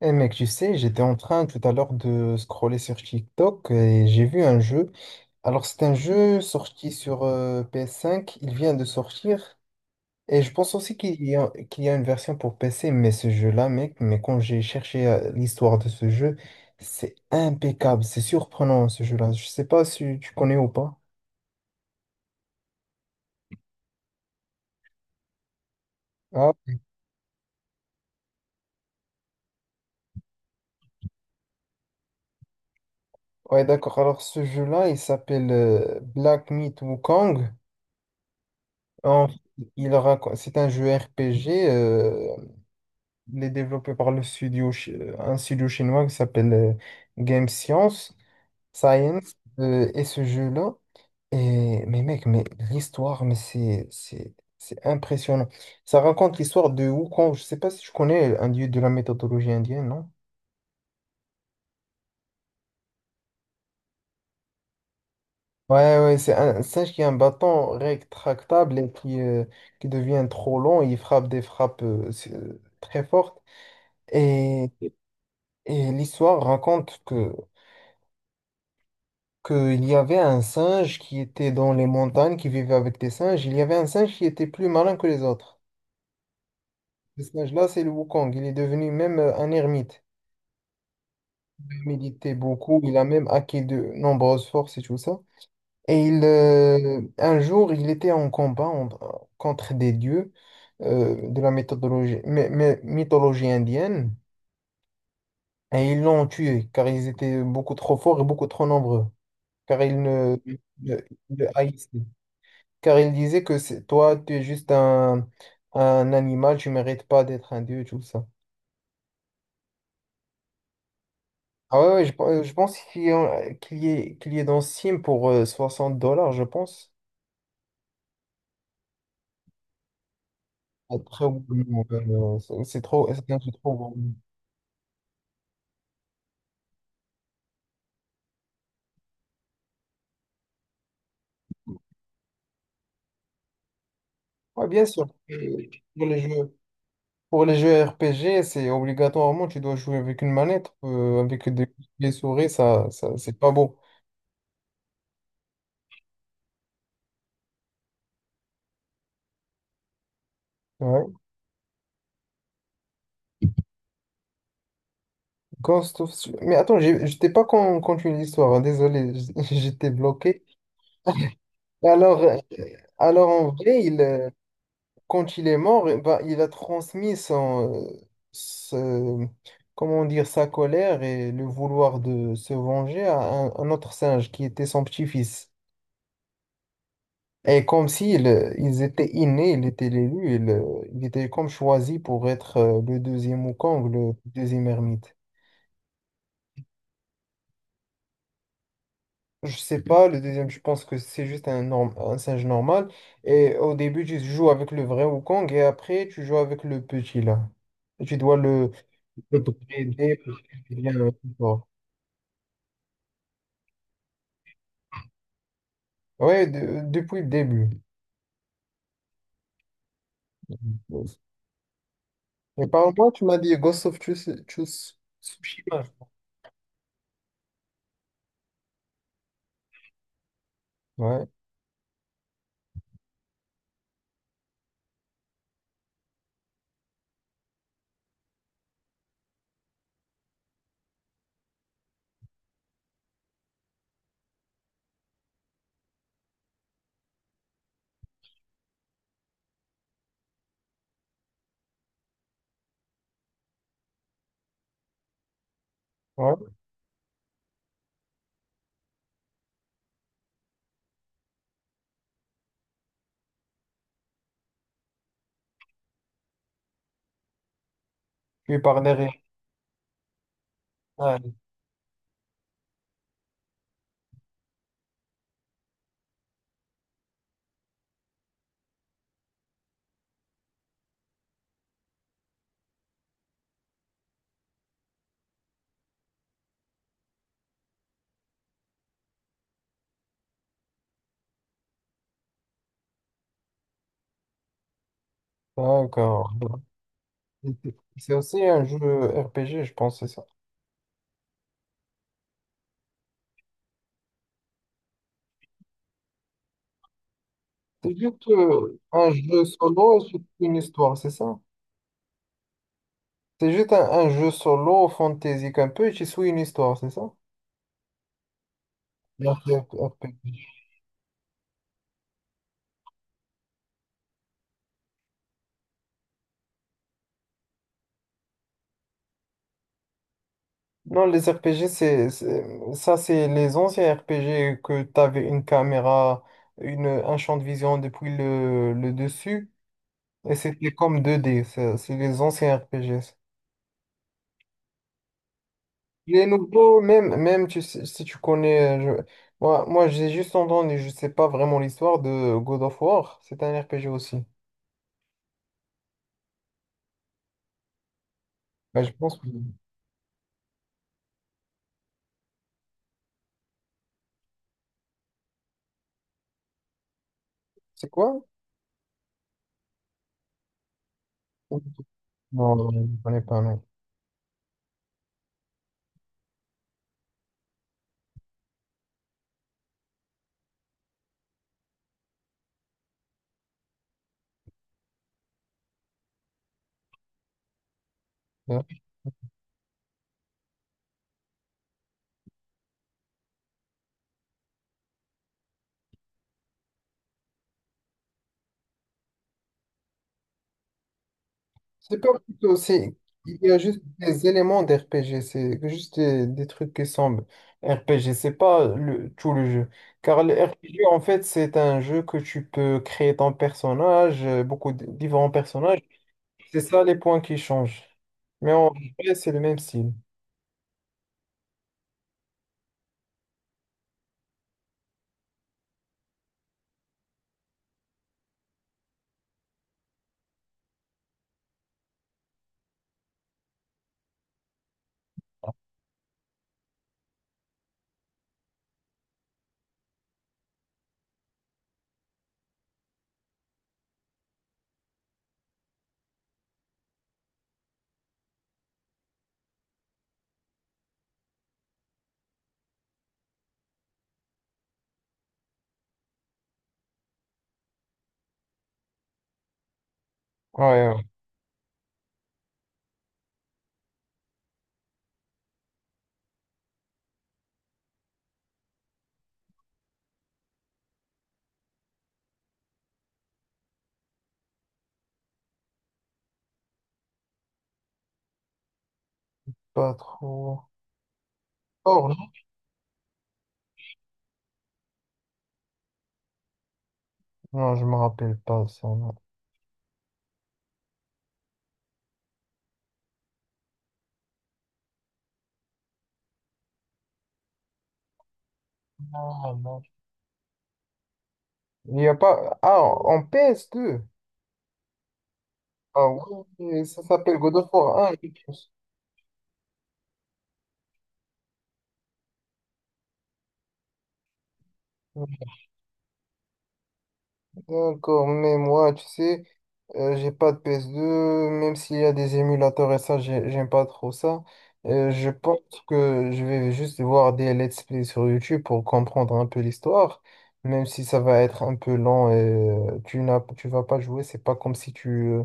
Eh mec, tu sais, j'étais en train tout à l'heure de scroller sur TikTok et j'ai vu un jeu. Alors, c'est un jeu sorti sur PS5, il vient de sortir et je pense aussi qu'il y a une version pour PC, mais ce jeu-là, mec, mais quand j'ai cherché l'histoire de ce jeu, c'est impeccable, c'est surprenant ce jeu-là. Je sais pas si tu connais ou pas. Ah, ouais, d'accord. Alors, ce jeu-là, il s'appelle Black Myth Wukong. En- il raconte, c'est un jeu RPG. Il est développé par le studio, un studio chinois qui s'appelle Game Science, Science, et ce jeu-là. Et, mais mec, mais l'histoire, mais c'est impressionnant. Ça raconte l'histoire de Wukong. Je sais pas si tu connais un dieu de la méthodologie indienne, non? Ouais, c'est un singe qui a un bâton rétractable et qui devient trop long. Il frappe des frappes très fortes. Et, et l'histoire raconte que qu'il y avait un singe qui était dans les montagnes, qui vivait avec des singes. Il y avait un singe qui était plus malin que les autres. Ce singe-là, c'est le Wukong. Il est devenu même un ermite. Il méditait beaucoup. Il a même acquis de nombreuses forces et tout ça. Et il, un jour, il était contre des dieux de la mythologie indienne. Et ils l'ont tué car ils étaient beaucoup trop forts et beaucoup trop nombreux. Car ils ne, ne, le haïssaient. Car il disait que toi, tu es juste un animal, tu mérites pas d'être un dieu, tout ça. Ah ouais, ouais, je pense qu'il y est dans Steam pour 60 dollars, je pense. Après, oui, non, c'est trop, c'est un jeu trop gros. Ouais, bien sûr. Et Pour les jeux, pour les jeux RPG, c'est obligatoirement, tu dois jouer avec une manette, avec des souris, ça, c'est pas beau. Ouais. Ghost of... Mais attends, je t'ai pas continué l'histoire, hein. Désolé, j'étais bloqué. Alors, Alors en vrai, il, quand il est mort, eh ben, il a transmis son, ce- comment dire, sa colère et le vouloir de se venger à un autre singe qui était son petit-fils. Et comme s'ils ils étaient innés, il était l'élu, il était comme choisi pour être le deuxième Wukong, le deuxième ermite. Je sais pas, le deuxième, je pense que c'est juste un singe normal. Et au début, tu joues avec le vrai Wukong et après, tu joues avec le petit là. Et tu dois le... Et depuis le début, il y a un support. Ouais, depuis le début. Mais parle-moi, tu m'as dit Ghost of Tsushima. Ouais, ouais. Puis par derrière. Ah, d'accord. C'est aussi un jeu RPG, je pense, c'est ça. C'est juste un jeu solo, c'est une histoire, c'est ça? C'est juste un jeu solo, fantasy un peu, et tu suis une histoire, c'est ça? Un jeu RPG. Non, les RPG, ça, c'est les anciens RPG que tu avais une caméra, un champ de vision depuis le dessus, et c'était comme 2D. C'est les anciens RPG. Les nouveaux, même, même si tu connais, moi, j'ai juste entendu, je sais pas vraiment l'histoire de God of War. C'est un RPG aussi. Bah, je pense que c'est quoi? Non, non, je ne connais pas, non. C'est pas plutôt, c'est, il y a juste des éléments d'RPG, c'est juste des trucs qui semblent RPG, c'est pas le, tout le jeu. Car le RPG, en fait, c'est un jeu que tu peux créer ton personnage, beaucoup de différents personnages. C'est ça les points qui changent. Mais en vrai, c'est le même style. Ouais, ouais. Pas trop. Or, non, non, je me rappelle pas ça, non. Ah, non. Il n'y a pas. Ah, en ps deux. Ah ouais, ça s'appelle God of War un, je pense. D'accord, mais moi, tu sais, j'ai pas de PS2, même s'il y a des émulateurs et ça, j'aime pas trop ça. Je pense que je vais juste voir des let's play sur YouTube pour comprendre un peu l'histoire, même si ça va être un peu lent et tu vas pas jouer, c'est pas comme si tu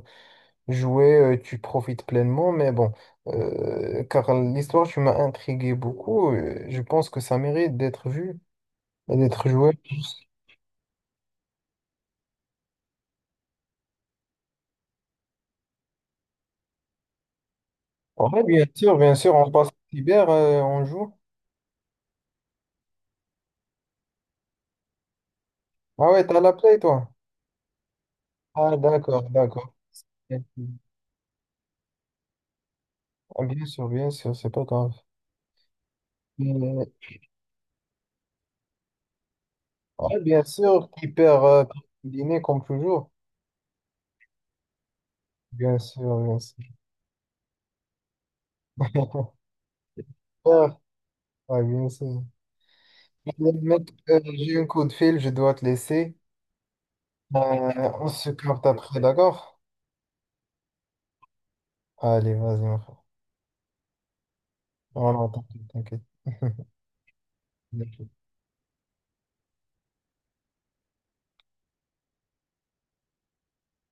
jouais, tu profites pleinement, mais bon, car l'histoire, tu m'as intrigué beaucoup, je pense que ça mérite d'être vu et d'être joué. Ouais, bien sûr, on passe cyber, on joue. Ah ouais, t'as la play, toi? Ah, d'accord, d'accord. Ah, bien sûr, c'est pas grave. Mais, ouais, bien sûr, hyper dîner comme toujours. Bien sûr, bien sûr. Ah, ouais, bien sûr. Mais, mec, j'ai un coup de fil, je dois te laisser. On se capte après, d'accord? Allez, vas-y, mon frère. Non, non, t'inquiète, t'inquiète.